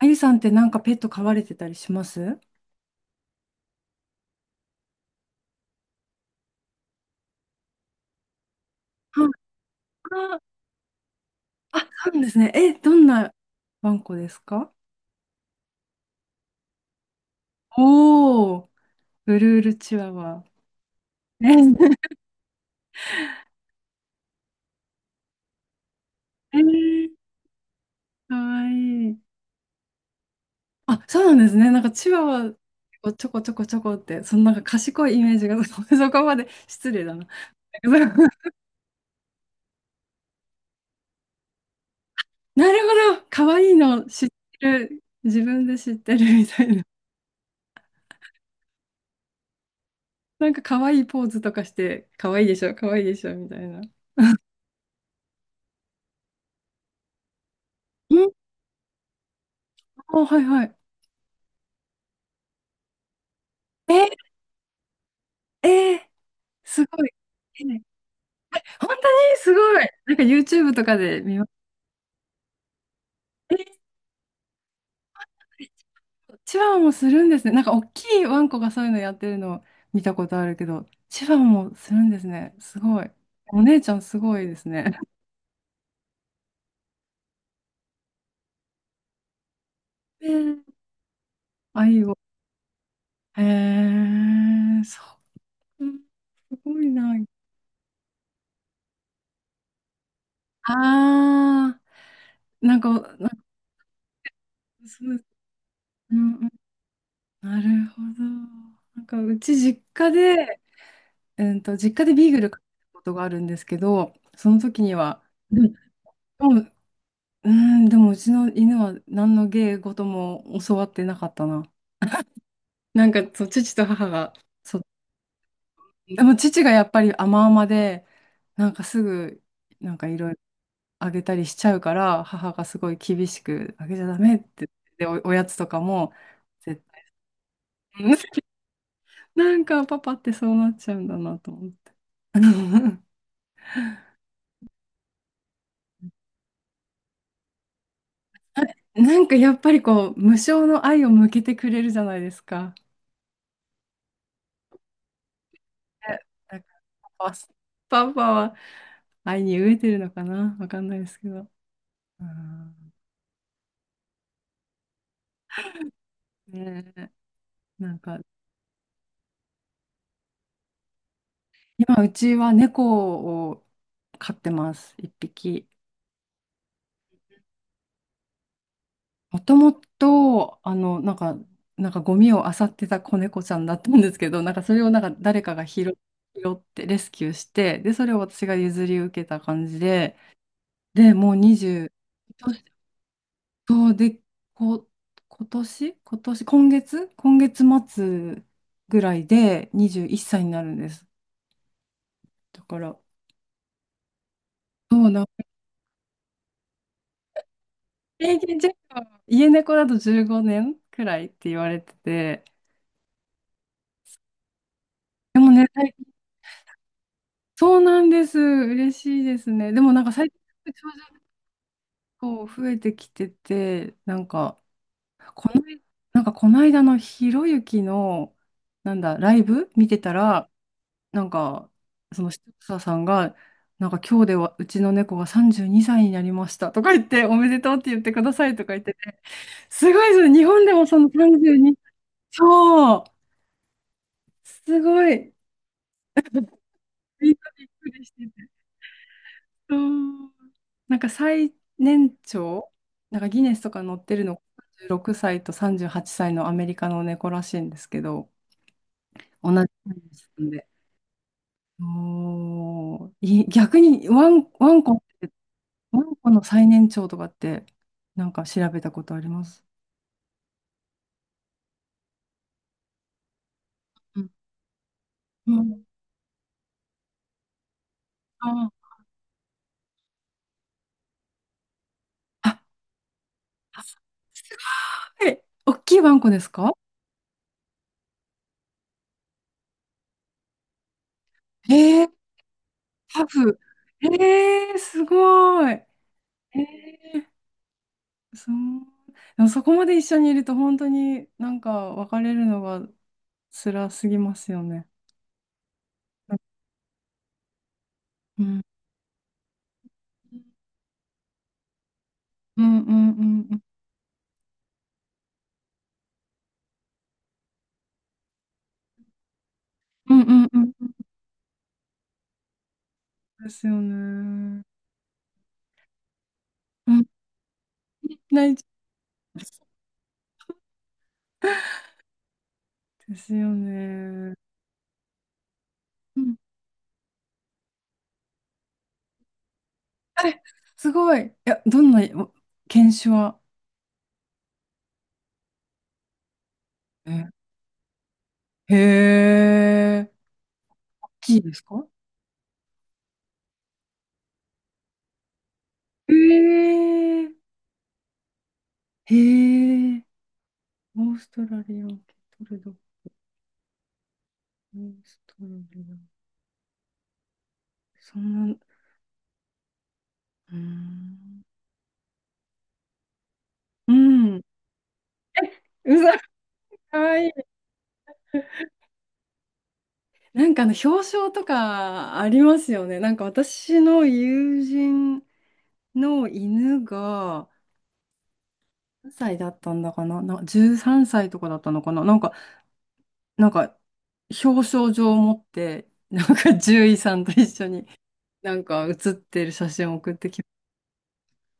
あゆさんってなんかペット飼われてたりしますは？いあ、あ、そうなんですね。え、どんなワンコですか？おー、ブルールチワワ。え えー、かわいい。あ、そうなんですね。なんかチワワをちょこちょこちょこって、そのなんか賢いイメージが、そこまで失礼だな。なるほど、かわいいの知ってる、自分で知ってるみたいな。なんかかわいいポーズとかして、かわいいでしょ、かわいいでしょ、みたいな。ん、あ、はいはい。えー、ええ、すごい。えー、本当にすごい。なんか YouTube とかで見ます。ええ、チワワもするんですね。なんか大きいワンコがそういうのやってるのを見たことあるけど、チワワもするんですね。すごい。お姉ちゃんすごいですね。え、を、あ、いいよ。へえー、そう。うん、すごいな。あー、なんか、なんかそう、うんうん、なるほど。なんかうち実家で、うんと、実家でビーグル買ったことがあるんですけど、その時には、でも、でも、うん、でもうちの犬は何の芸事も教わってなかったな。なんか、そう、父と母が、そう、でも父がやっぱり甘々で、なんかすぐ、なんかいろいろあげたりしちゃうから、母がすごい厳しく、あげちゃダメって、で、おやつとかも、絶対、なんかパパってそうなっちゃうんだなと思って。なんかやっぱりこう、無償の愛を向けてくれるじゃないですか。え、なんか、パパパパは愛に飢えてるのかなわかんないですけど。うん、ねえ、なんか、今うちは猫を飼ってます、一匹。もともと、あの、なんか、なんかゴミを漁ってた子猫ちゃんだったんですけど、なんかそれをなんか誰かが拾ってレスキューして、で、それを私が譲り受けた感じで、で、もう20、そうで、こ、今月末ぐらいで21歳になるんです。だから、そうな、平均寿命、家猫だと15年くらいって言われてて、でもね、最近、そうなんです。嬉しいですね。でもなんか最近、長女こう増えてきてて、なんか、この、なんかこの間のひろゆきの、なんだ、ライブ見てたら、なんか、その視聴者さんが、なんか今日ではうちの猫が32歳にさいになりましたとか言って、おめでとうって言ってくださいとか言ってて、すごいですね。日本でもその32、そう、すごい。みんなびっくりしてて。そう。なんか最年長、なんかギネスとか載ってるの、36歳と38歳のアメリカの猫らしいんですけど、同じなんで。おー、いい逆にワンコってうんコの最年長とかって、なんか調べたことあります。うんうん、ああ、あ、すごい。大きいワンコですか？えー、ハブ。えー、すごい。えー、そう。でもそこまで一緒にいると本当になんか別れるのが辛すぎますよね。うん。うんうんうんうんうんうんうん、うんですよね。うん。泣いちゃうですよね。うん、え、すごい。いや、どんなお犬種は？え、へえ。大きいですか？へえ。へえ。オーストラリアンケトルド。オーストラリアン。そんな、うーん。うん。うざ、かわいい。なんかあの、表彰とかありますよね。なんか私の友人の犬が、何歳だったんだかな、な、13歳とかだったのかな。なんかなんか、表彰状を持って、なんか獣医さんと一緒に、なんか写ってる写真を送ってき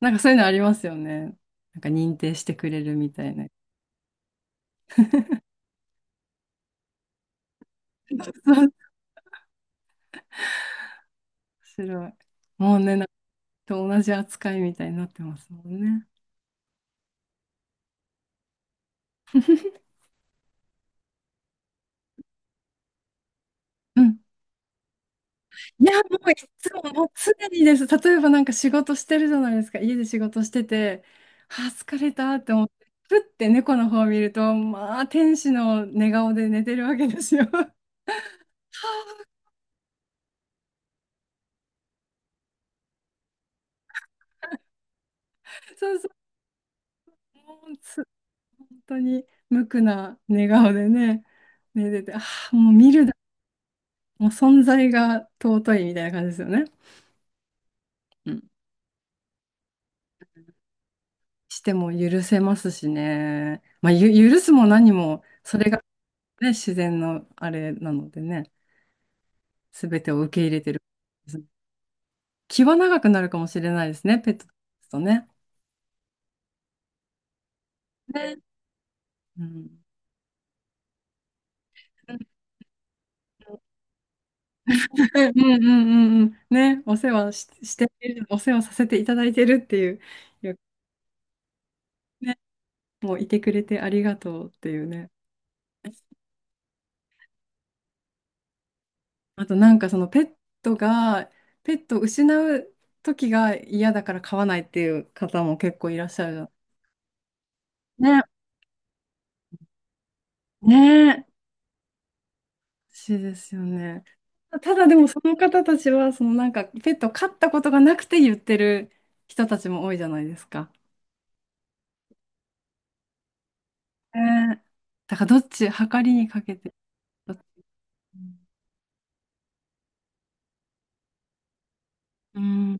なんかそういうのありますよね。なんか認定してくれるみたいな。面白い。もうね、なんか同じ扱いみたいになってますもんね。うん。いや、もういつも、もう常にです。例えばなんか仕事してるじゃないですか。家で仕事してて、あー、疲れたって思って、ふって猫の方を見ると、まあ、天使の寝顔で寝てるわけですよ。そうそう。もうつ当に無垢な寝顔でね、寝てて、ああ、もう見るだ、もう存在が尊いみたいな感じですよね。うん。しても許せますしね。まあ、許すも何も、それが、ね、自然のあれなのでね、すべてを受け入れてる。気は長くなるかもしれないですね、ペットとね。ね。うん。うんうんうんうん。ね、お世話させていただいてるっていう、いやね、もういてくれてありがとうっていうね。あとなんかそのペットが、ペットを失う時が嫌だから飼わないっていう方も結構いらっしゃるじゃん。ね、ねえ。欲しいですよね。ただでもその方たちは、そのなんかペットを飼ったことがなくて言ってる人たちも多いじゃないですか。ねえ、だからどっち、計りにかけて。どっち、うん、うん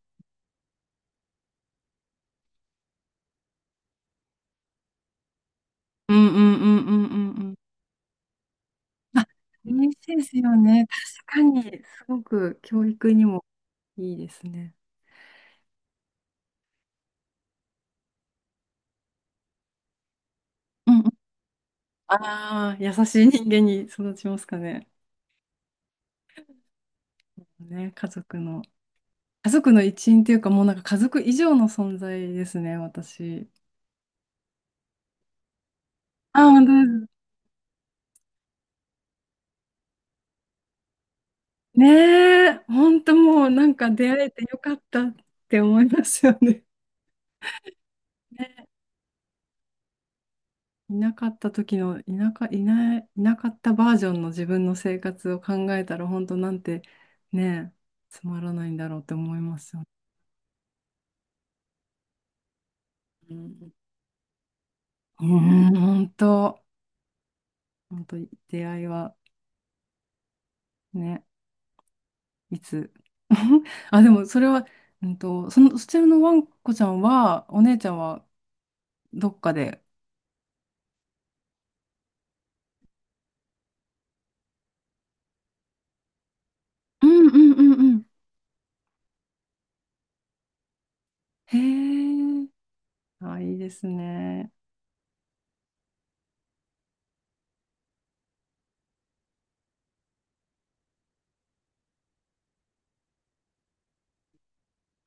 うんうんうんうんうん。あ、嬉しいですよね。確かに、すごく教育にもいいですね。うん、ああ、優しい人間に育ちますかね。ね、家族の。家族の一員というか、もうなんか家族以上の存在ですね、私。あ、本当です。ねえ、本当もうなんか出会えてよかったって思いますよね。ね、いなかった時の、いなか、いない、いなかったバージョンの自分の生活を考えたら、本当なんて、ねえ、つまらないんだろうって思いますよね。うん、うん、本当、本当、出会いはね。いつ あ、でもそれは、うんと、その、そちらのワンコちゃんは、お姉ちゃんはどっかで。うんうんうんうん。へえ。あ、いいですね。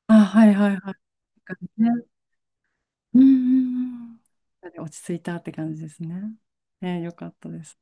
あ、はいはいはい。ね、うんうんうん。落ち着いたって感じですね。えー、よかったです。